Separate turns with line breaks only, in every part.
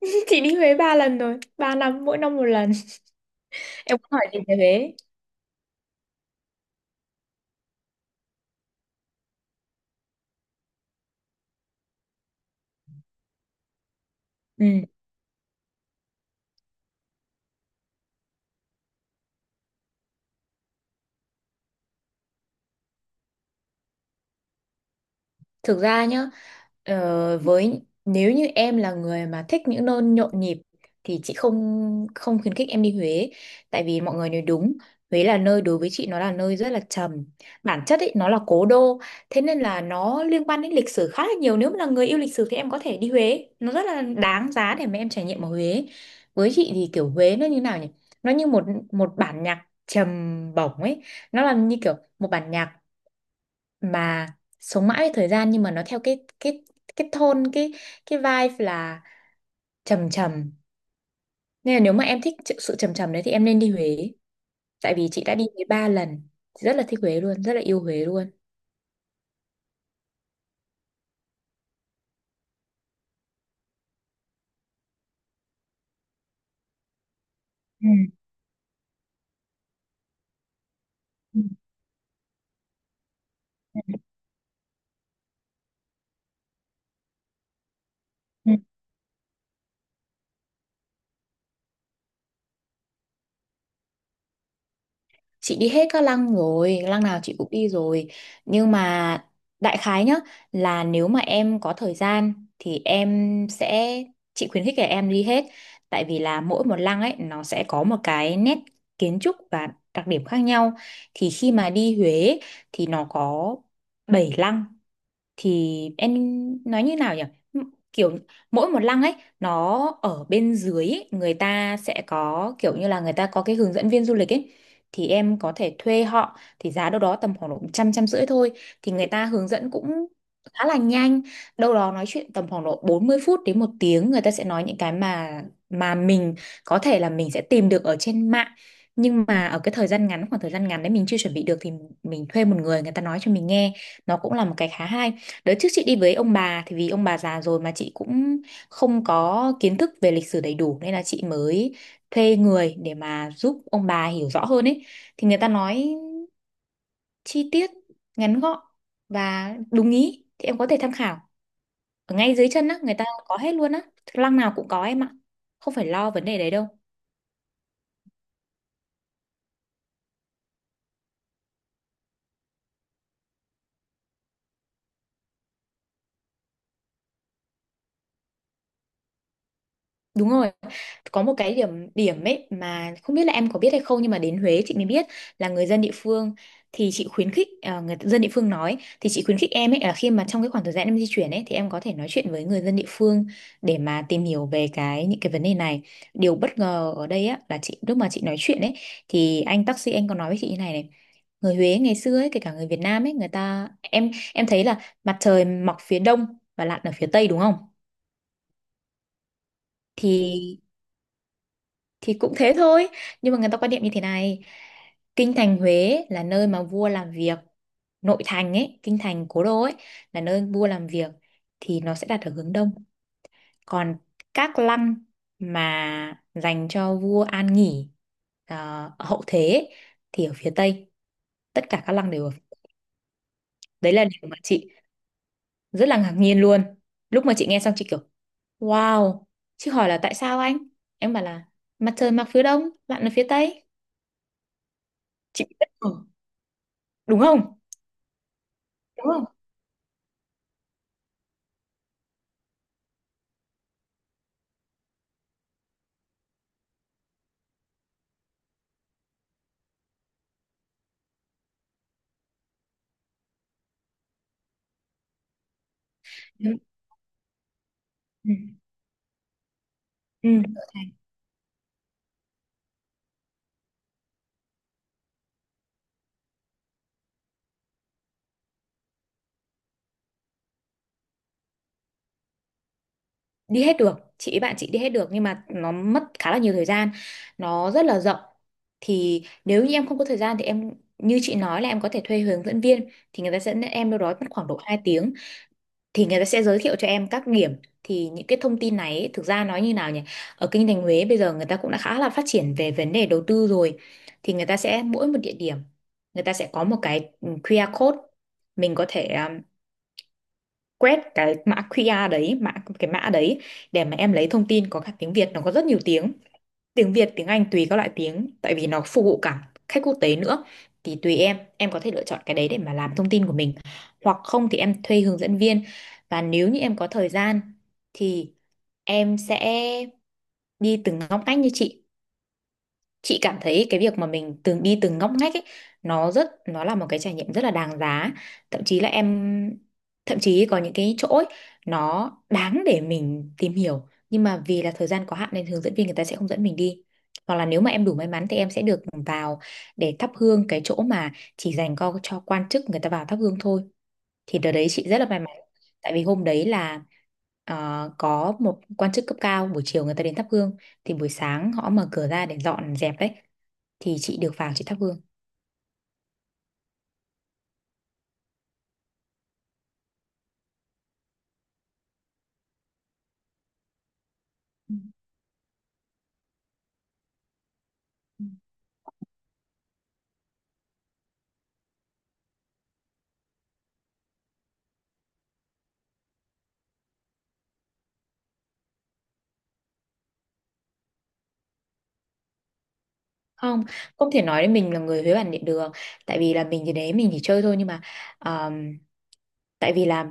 Chị đi Huế 3 lần rồi, 3 năm mỗi năm 1 lần. Em muốn hỏi chị về Huế? Ừ. Thực ra nhá, với nếu như em là người mà thích những nơi nhộn nhịp thì chị không không khuyến khích em đi Huế, tại vì mọi người nói đúng. Huế là nơi đối với chị, nó là nơi rất là trầm. Bản chất ấy nó là cố đô, thế nên là nó liên quan đến lịch sử khá là nhiều. Nếu mà là người yêu lịch sử thì em có thể đi Huế, nó rất là đáng giá để mà em trải nghiệm ở Huế. Với chị thì kiểu Huế nó như nào nhỉ? Nó như một một bản nhạc trầm bổng ấy, nó là như kiểu một bản nhạc mà sống mãi với thời gian, nhưng mà nó theo cái tone, cái vibe là trầm trầm. Nên là nếu mà em thích sự sự trầm trầm đấy thì em nên đi Huế, tại vì chị đã đi Huế ba lần. Chị rất là thích Huế luôn, rất là yêu Huế luôn. Ừ. Ừ. Ừ. Chị đi hết các lăng rồi, lăng nào chị cũng đi rồi, nhưng mà đại khái nhá, là nếu mà em có thời gian thì em sẽ, chị khuyến khích là em đi hết, tại vì là mỗi một lăng ấy nó sẽ có một cái nét kiến trúc và đặc điểm khác nhau. Thì khi mà đi Huế thì nó có 7 lăng. Thì em nói như nào nhỉ? Kiểu mỗi một lăng ấy, nó ở bên dưới ấy, người ta sẽ có kiểu như là người ta có cái hướng dẫn viên du lịch ấy, thì em có thể thuê họ, thì giá đâu đó tầm khoảng độ trăm, trăm rưỡi thôi. Thì người ta hướng dẫn cũng khá là nhanh, đâu đó nói chuyện tầm khoảng độ 40 phút đến 1 tiếng. Người ta sẽ nói những cái mà mình có thể là mình sẽ tìm được ở trên mạng, nhưng mà ở cái thời gian ngắn, khoảng thời gian ngắn đấy mình chưa chuẩn bị được, thì mình thuê một người, người ta nói cho mình nghe, nó cũng là một cái khá hay. Đợt trước chị đi với ông bà, thì vì ông bà già rồi, mà chị cũng không có kiến thức về lịch sử đầy đủ, nên là chị mới thuê người để mà giúp ông bà hiểu rõ hơn ấy. Thì người ta nói chi tiết, ngắn gọn và đúng ý, thì em có thể tham khảo. Ở ngay dưới chân á, người ta có hết luôn á. Lăng nào cũng có em ạ. Không phải lo vấn đề đấy đâu. Đúng rồi. Có một cái điểm điểm ấy mà không biết là em có biết hay không, nhưng mà đến Huế chị mới biết là người dân địa phương, thì chị khuyến khích à, người dân địa phương nói thì chị khuyến khích em ấy, là khi mà trong cái khoảng thời gian em di chuyển ấy thì em có thể nói chuyện với người dân địa phương để mà tìm hiểu về cái những cái vấn đề này. Điều bất ngờ ở đây á, là chị lúc mà chị nói chuyện ấy, thì anh taxi, anh có nói với chị như này này: người Huế ngày xưa ấy, kể cả người Việt Nam ấy, người ta, em thấy là mặt trời mọc phía đông và lặn ở phía tây đúng không? Thì thì cũng thế thôi, nhưng mà người ta quan niệm như thế này: kinh thành Huế là nơi mà vua làm việc, nội thành ấy, kinh thành cố đô ấy, là nơi vua làm việc thì nó sẽ đặt ở hướng đông. Còn các lăng mà dành cho vua an nghỉ, ờ, ở hậu thế ấy, thì ở phía tây. Tất cả các lăng đều ở đấy. Là điều mà chị rất là ngạc nhiên luôn, lúc mà chị nghe xong chị kiểu wow. Chị hỏi là tại sao anh, em bảo là mặt trời mọc phía đông, bạn ở phía tây. Chị biết. Ừ. Đúng không? Đúng không? Ừ. Ừ. Ừ. Đổi thành. Đi hết được. Chị bạn chị đi hết được, nhưng mà nó mất khá là nhiều thời gian, nó rất là rộng. Thì nếu như em không có thời gian thì em, như chị nói, là em có thể thuê hướng dẫn viên, thì người ta sẽ dẫn em đâu đó mất khoảng độ 2 tiếng. Thì người ta sẽ giới thiệu cho em các điểm. Thì những cái thông tin này ấy, thực ra nói như nào nhỉ, ở kinh thành Huế bây giờ người ta cũng đã khá là phát triển về vấn đề đầu tư rồi. Thì người ta sẽ, mỗi một địa điểm, người ta sẽ có một cái QR code, mình có thể quét cái mã QR đấy, cái mã đấy, để mà em lấy thông tin, có cả tiếng Việt. Nó có rất nhiều tiếng: tiếng Việt, tiếng Anh, tùy các loại tiếng, tại vì nó phục vụ cả khách quốc tế nữa. Thì tùy em có thể lựa chọn cái đấy để mà làm thông tin của mình. Hoặc không thì em thuê hướng dẫn viên. Và nếu như em có thời gian thì em sẽ đi từng ngóc ngách như chị. Chị cảm thấy cái việc mà mình từng đi từng ngóc ngách ấy, nó rất, nó là một cái trải nghiệm rất là đáng giá. Thậm chí là em, thậm chí có những cái chỗ ấy, nó đáng để mình tìm hiểu, nhưng mà vì là thời gian có hạn nên hướng dẫn viên người ta sẽ không dẫn mình đi. Hoặc là nếu mà em đủ may mắn thì em sẽ được vào để thắp hương cái chỗ mà chỉ dành cho quan chức, người ta vào thắp hương thôi. Thì đợt đấy chị rất là may mắn, tại vì hôm đấy là, có một quan chức cấp cao buổi chiều người ta đến thắp hương, thì buổi sáng họ mở cửa ra để dọn dẹp đấy, thì chị được vào, chị thắp hương. Không, không thể nói đến mình là người Huế bản địa được, tại vì là mình thì đấy mình chỉ chơi thôi. Nhưng mà um, tại vì là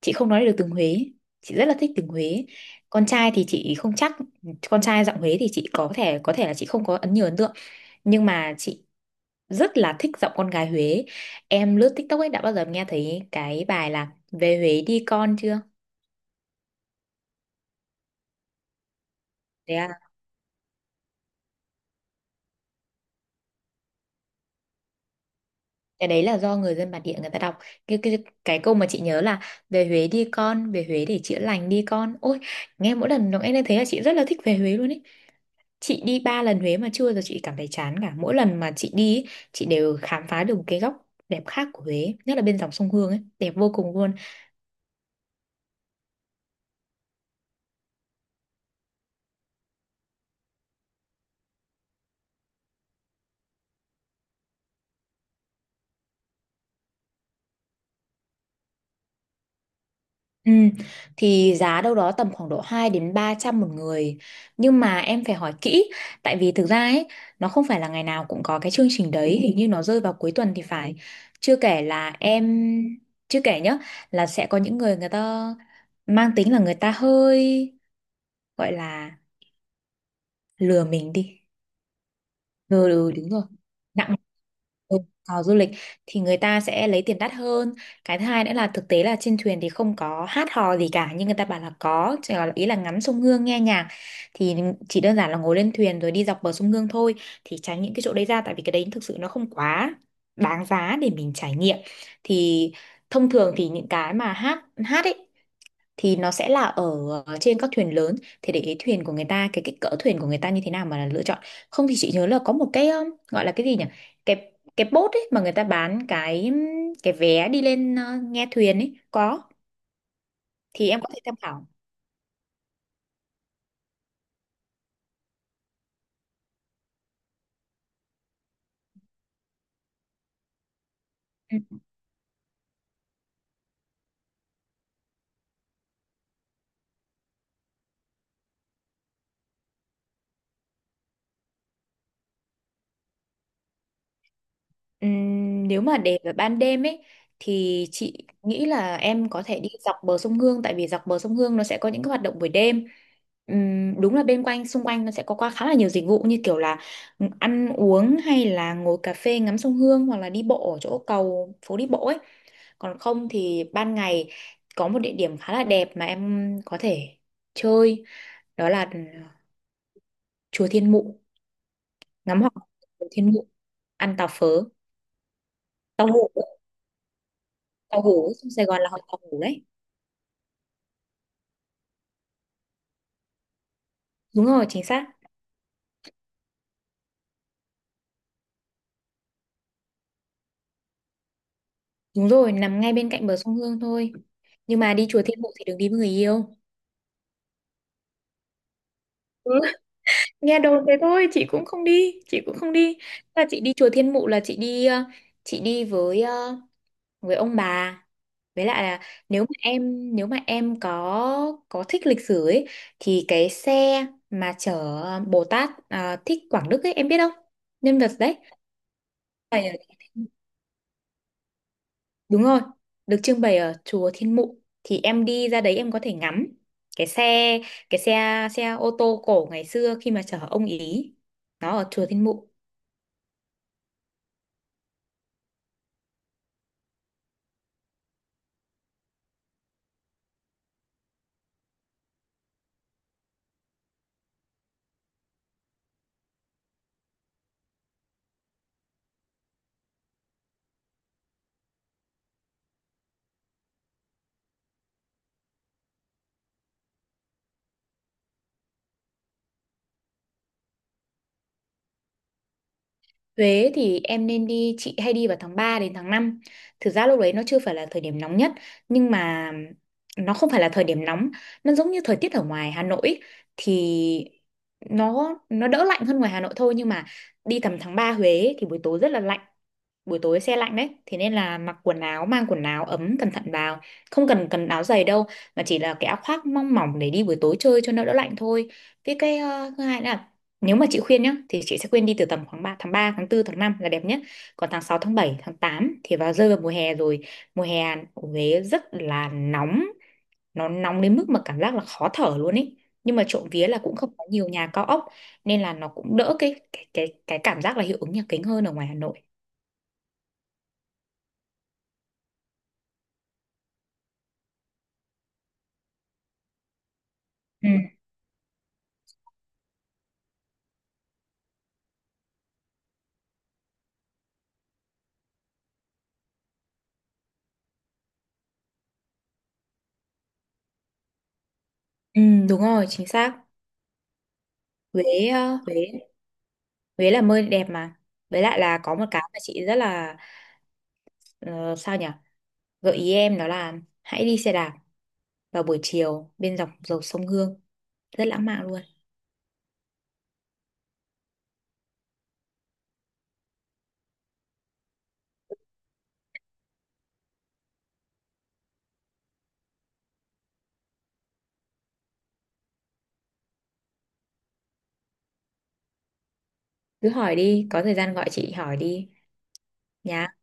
chị không nói được tiếng Huế. Chị rất là thích tiếng Huế. Con trai thì chị không chắc, con trai giọng Huế thì chị có thể là chị không có nhiều ấn tượng. Nhưng mà chị rất là thích giọng con gái Huế. Em lướt TikTok ấy, đã bao giờ em nghe thấy cái bài là Về Huế Đi Con chưa? Thế cái đấy là do người dân bản địa người ta đọc, cái cái cái câu mà chị nhớ là: về Huế đi con, về Huế để chữa lành đi con ôi. Nghe mỗi lần nó nghe lên thế là chị rất là thích về Huế luôn ấy. Chị đi ba lần Huế mà chưa giờ chị cảm thấy chán cả. Mỗi lần mà chị đi ý, chị đều khám phá được một cái góc đẹp khác của Huế, nhất là bên dòng sông Hương ấy, đẹp vô cùng luôn. Ừ, thì giá đâu đó tầm khoảng độ 2 đến 300 một người, nhưng mà em phải hỏi kỹ, tại vì thực ra ấy, nó không phải là ngày nào cũng có cái chương trình đấy, hình như nó rơi vào cuối tuần thì phải. Chưa kể là em, chưa kể nhá, là sẽ có những người, người ta mang tính là người ta hơi, gọi là, lừa mình đi. Ừ, ừ, đúng rồi. Nặng. Ừ, tàu du lịch thì người ta sẽ lấy tiền đắt hơn. Cái thứ hai nữa là thực tế là trên thuyền thì không có hát hò gì cả, nhưng người ta bảo là có, chỉ là ý là ngắm sông Hương nghe nhạc. Thì chỉ đơn giản là ngồi lên thuyền rồi đi dọc bờ sông Hương thôi. Thì tránh những cái chỗ đấy ra, tại vì cái đấy thực sự nó không quá đáng giá để mình trải nghiệm. Thì thông thường thì những cái mà hát hát ấy thì nó sẽ là ở, trên các thuyền lớn. Thì để ý thuyền của người ta, cái kích cỡ thuyền của người ta như thế nào mà là lựa chọn. Không thì chị nhớ là có một cái, gọi là cái gì nhỉ, cái bốt ấy mà người ta bán cái vé đi lên, nghe thuyền ấy có. Thì em có thể tham khảo. Ừ. Nếu mà để vào ban đêm ấy thì chị nghĩ là em có thể đi dọc bờ sông Hương, tại vì dọc bờ sông Hương nó sẽ có những cái hoạt động buổi đêm. Đúng là bên, quanh xung quanh nó sẽ có qua khá là nhiều dịch vụ như kiểu là ăn uống hay là ngồi cà phê ngắm sông Hương, hoặc là đi bộ ở chỗ cầu phố đi bộ ấy. Còn không thì ban ngày có một địa điểm khá là đẹp mà em có thể chơi, đó là chùa Thiên Mụ. Ngắm hoàng hôn của Thiên Mụ, ăn tàu phớ, tàu hũ. Tàu hủ sông Sài Gòn là họ tàu hủ đấy. Đúng rồi, chính xác. Đúng rồi, nằm ngay bên cạnh bờ sông Hương thôi. Nhưng mà đi chùa Thiên Mụ thì đừng đi với người yêu. Ừ, nghe đồn thế thôi, chị cũng không đi, chị cũng không đi. Là chị đi chùa Thiên Mụ là chị đi, chị đi với, với ông bà. Với lại là, nếu mà em, có thích lịch sử ấy, thì cái xe mà chở Bồ Tát à, Thích Quảng Đức ấy, em biết không? Nhân vật đấy, phải. Đúng rồi, được trưng bày ở chùa Thiên Mụ, thì em đi ra đấy em có thể ngắm cái xe, cái xe, xe ô tô cổ ngày xưa khi mà chở ông ý. Nó ở chùa Thiên Mụ. Huế thì em nên đi, chị hay đi vào tháng 3 đến tháng 5. Thực ra lúc đấy nó chưa phải là thời điểm nóng nhất, nhưng mà nó không phải là thời điểm nóng, nó giống như thời tiết ở ngoài Hà Nội ý. Thì nó đỡ lạnh hơn ngoài Hà Nội thôi, nhưng mà đi tầm tháng 3 Huế thì buổi tối rất là lạnh. Buổi tối xe lạnh đấy, thế nên là mặc quần áo, mang quần áo ấm cẩn thận vào, không cần cần áo dày đâu, mà chỉ là cái áo khoác mong mỏng để đi buổi tối chơi cho nó đỡ lạnh thôi. Với cái thứ hai nữa là, nếu mà chị khuyên nhá, thì chị sẽ khuyên đi từ tầm khoảng tháng 3, tháng 4, tháng 5 là đẹp nhất. Còn tháng 6, tháng 7, tháng 8 thì vào giờ mùa hè rồi. Mùa hè ở Huế rất là nóng, nó nóng đến mức mà cảm giác là khó thở luôn ấy. Nhưng mà trộm vía là cũng không có nhiều nhà cao ốc, nên là nó cũng đỡ cái cảm giác là hiệu ứng nhà kính hơn ở ngoài Hà Nội. Ừ. Ừ, đúng rồi, chính xác. Huế, ờ, Huế, Huế là nơi đẹp mà. Với lại là có một cái mà chị rất là, ờ, sao nhỉ? Gợi ý em đó là hãy đi xe đạp vào buổi chiều bên dọc dòng sông Hương, rất lãng mạn luôn. Cứ hỏi đi, có thời gian gọi chị hỏi đi. Nhà